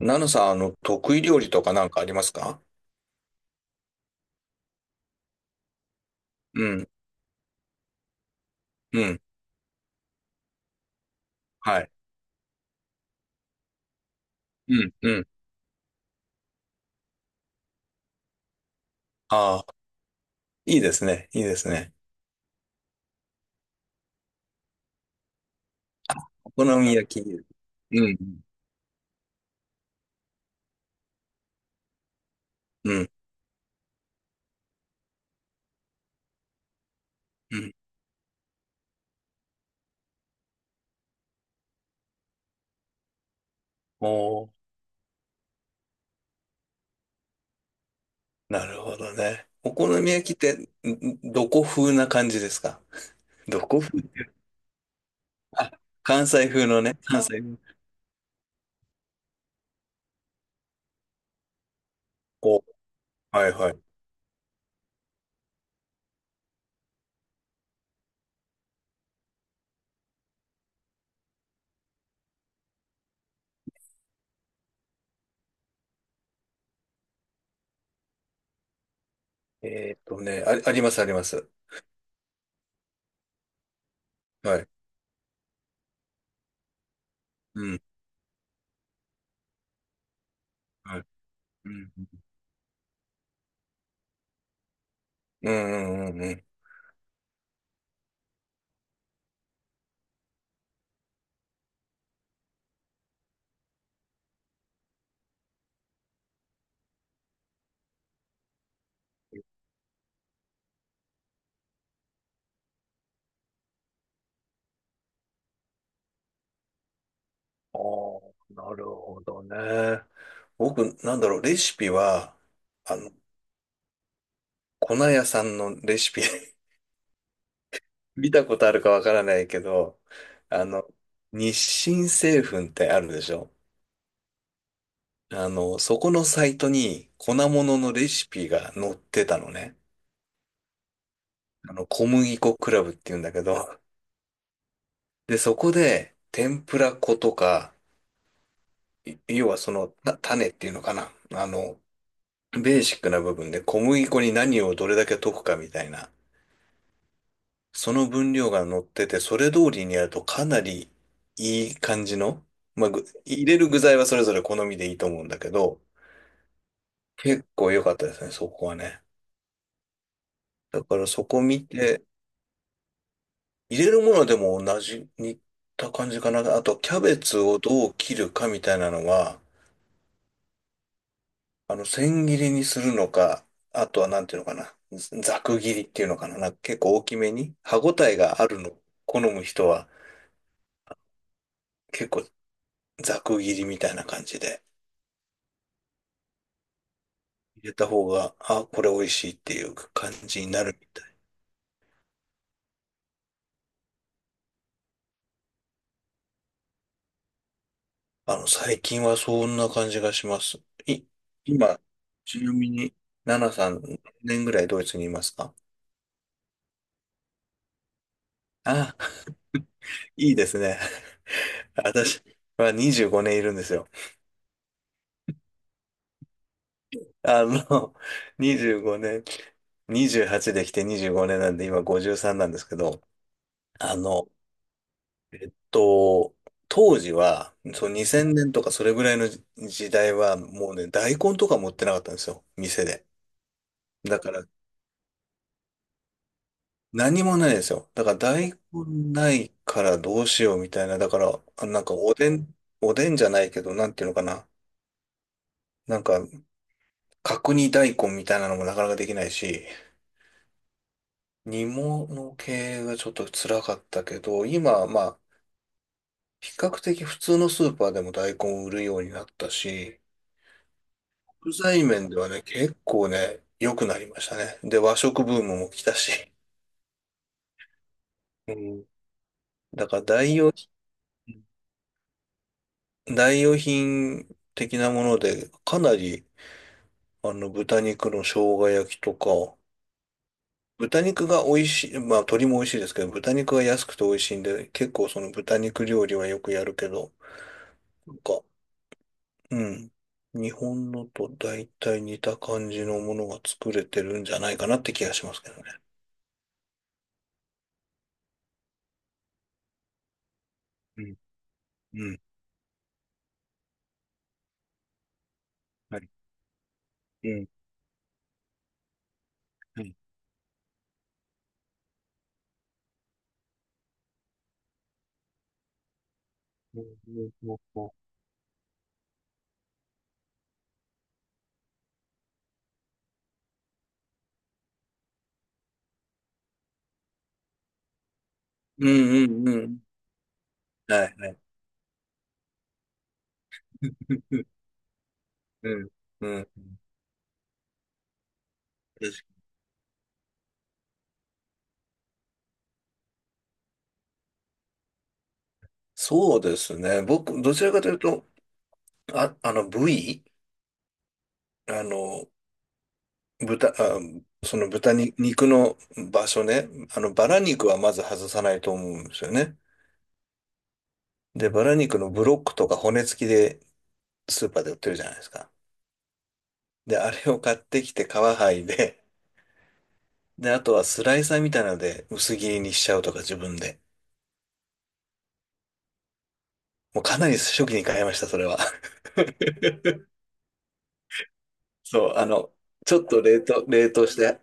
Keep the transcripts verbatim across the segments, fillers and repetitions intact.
ナノさん、あの、得意料理とかなんかありますか？うん、うん、はい。うん、うん。ああ、いいですね、いいですね。お好み焼き。うん、うん、うん。おー、なるほどね。お好み焼きって、んどこ風な感じですか？どこ風っていう。あ、関西風のね、関西風。お、はい、はい。えーっとね、あ、あります、あります。はい。うん、はい。うん、うん、うん、うん。うん。ああ、なるほどね。僕、なんだろう、レシピは、あの、粉屋さんのレシピ 見たことあるかわからないけど、あの、日清製粉ってあるでしょ？あの、そこのサイトに粉物のレシピが載ってたのね。あの、小麦粉クラブって言うんだけど、で、そこで、天ぷら粉とか、い要はその、た種っていうのかな。あの、ベーシックな部分で小麦粉に何をどれだけ溶くかみたいな。その分量が乗ってて、それ通りにやるとかなりいい感じの、まあ、ぐ入れる具材はそれぞれ好みでいいと思うんだけど、結構良かったですね、そこはね。だからそこ見て、入れるものでも同じ、似た感じかな。あと、キャベツをどう切るかみたいなのは、あの、千切りにするのか、あとはなんていうのかな、ざく切りっていうのかな、なんか結構大きめに、歯ごたえがあるの、好む人は結構ざく切りみたいな感じで。入れた方が、あ、これ美味しいっていう感じになるみたい。あの、最近はそんな感じがします。い、今、ちなみに、ナナさん、何年ぐらいドイツにいますか？あ、いいですね。私はにじゅうごねんいるんですよ。あの、にじゅうごねん、にじゅうはちできてにじゅうごねんなんで、今ごじゅうさんなんですけど、あの、えっと、当時は、そうにせんねんとかそれぐらいの時代は、もうね、大根とか持ってなかったんですよ、店で。だから何もないですよ。だから大根ないからどうしようみたいな。だから、あなんかおでん、おでんじゃないけど、なんていうのかな。なんか、角煮大根みたいなのもなかなかできないし、煮物系がちょっと辛かったけど、今はまあ、比較的普通のスーパーでも大根を売るようになったし、食材面ではね、結構ね、良くなりましたね。で、和食ブームも来たし。うん。だから代用品代用品的なもので、かなり、あの、豚肉の生姜焼きとか、豚肉が美味しい、まあ、鶏も美味しいですけど、豚肉が安くて美味しいんで、結構その豚肉料理はよくやるけど、なんか、うん。日本のと大体似た感じのものが作れてるんじゃないかなって気がしますけどね。うん、うん、はい、うん、はい。うんうんうんうんうんうんうん。はいはい。うんうん。そうですね。僕、どちらかというと、あ、あの、部位、あの、豚、あ、その豚に肉の場所ね。あの、バラ肉はまず外さないと思うんですよね。で、バラ肉のブロックとか骨付きでスーパーで売ってるじゃないですか。で、あれを買ってきて皮剥いで、で、あとはスライサーみたいなので薄切りにしちゃうとか自分で。もうかなり初期に買いました、それは。そう、あの、ちょっと冷凍、冷凍して、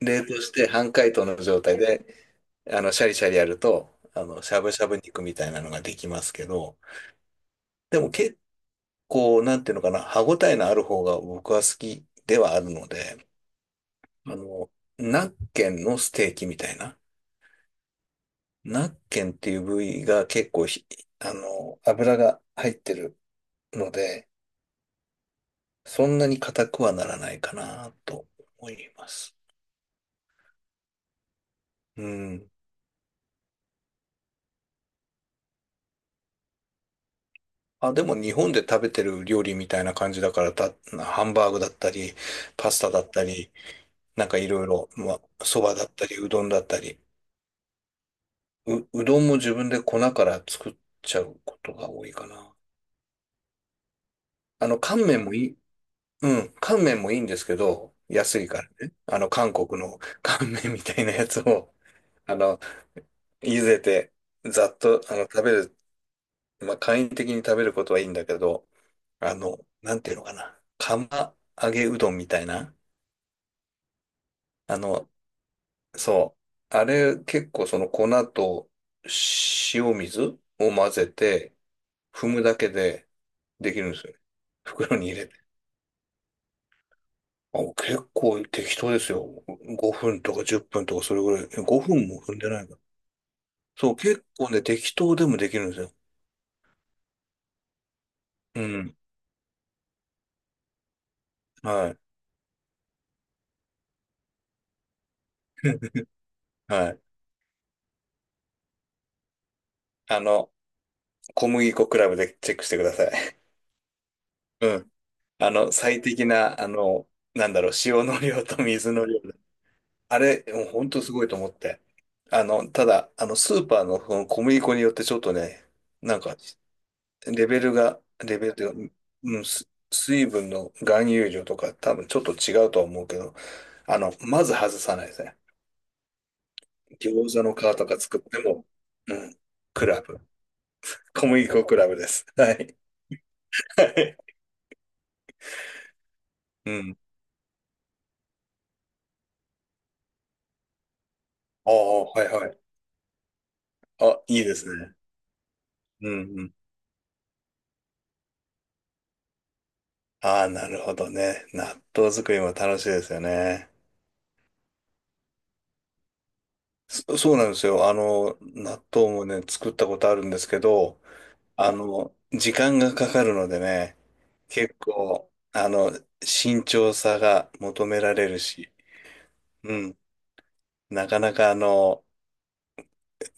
冷凍して半解凍の状態で、あの、シャリシャリやると、あの、しゃぶしゃぶ肉みたいなのができますけど、でも結構、なんていうのかな、歯ごたえのある方が僕は好きではあるので、あの、ナッケンのステーキみたいな、ナッケンっていう部位が結構ひ、あの、油が入ってるので、そんなに硬くはならないかなと思います。うん。あ、でも日本で食べてる料理みたいな感じだから、た、ハンバーグだったり、パスタだったり、なんかいろいろ、まあ、そばだったり、うどんだったり。う、うどんも自分で粉から作っちゃうことが多いかな。あの、乾麺もいい、うん、乾麺もいいんですけど、安いからね。あの、韓国の 乾麺みたいなやつを、あの、茹でて、ざっと、あの、食べる、まあ、簡易的に食べることはいいんだけど、あの、なんていうのかな。釜揚げうどんみたいな。あの、そう。あれ、結構その粉と塩水を混ぜて、踏むだけでできるんですよね。袋に入れて。あ、結構適当ですよ。ごふんとかじゅっぷんとかそれぐらい。えごふんも踏んでないから。そう、結構ね、適当でもできるんですよ。うん。はい。はい。あの、小麦粉クラブでチェックしてください。うん。あの、最適な、あの、なんだろう、塩の量と水の量。あれ、もう本当すごいと思って。あの、ただ、あの、スーパーのその小麦粉によってちょっとね、なんかレベルが、レベルというか、うん、す水分の含有量とか多分ちょっと違うとは思うけど、あの、まず外さないですね。餃子の皮とか作っても、うん、クラブ。小麦粉クラブです。はい。はい。うん。ああ、はいはい。あ、いいですね。うんうん。ああ、なるほどね。納豆作りも楽しいですよね。そ、そうなんですよ。あの、納豆もね、作ったことあるんですけど、あの、時間がかかるのでね、結構、あの、慎重さが求められるし、うん。なかなかあの、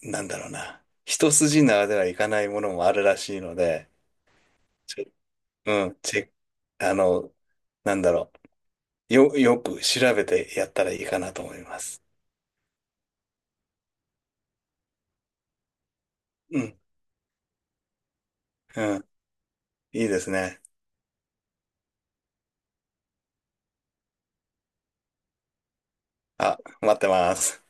なんだろうな。一筋縄ではいかないものもあるらしいので、ちょうん、チェック、あの、なんだろう。よ、よく調べてやったらいいかなと思います。うん、うん、いいですね。あ、待ってます。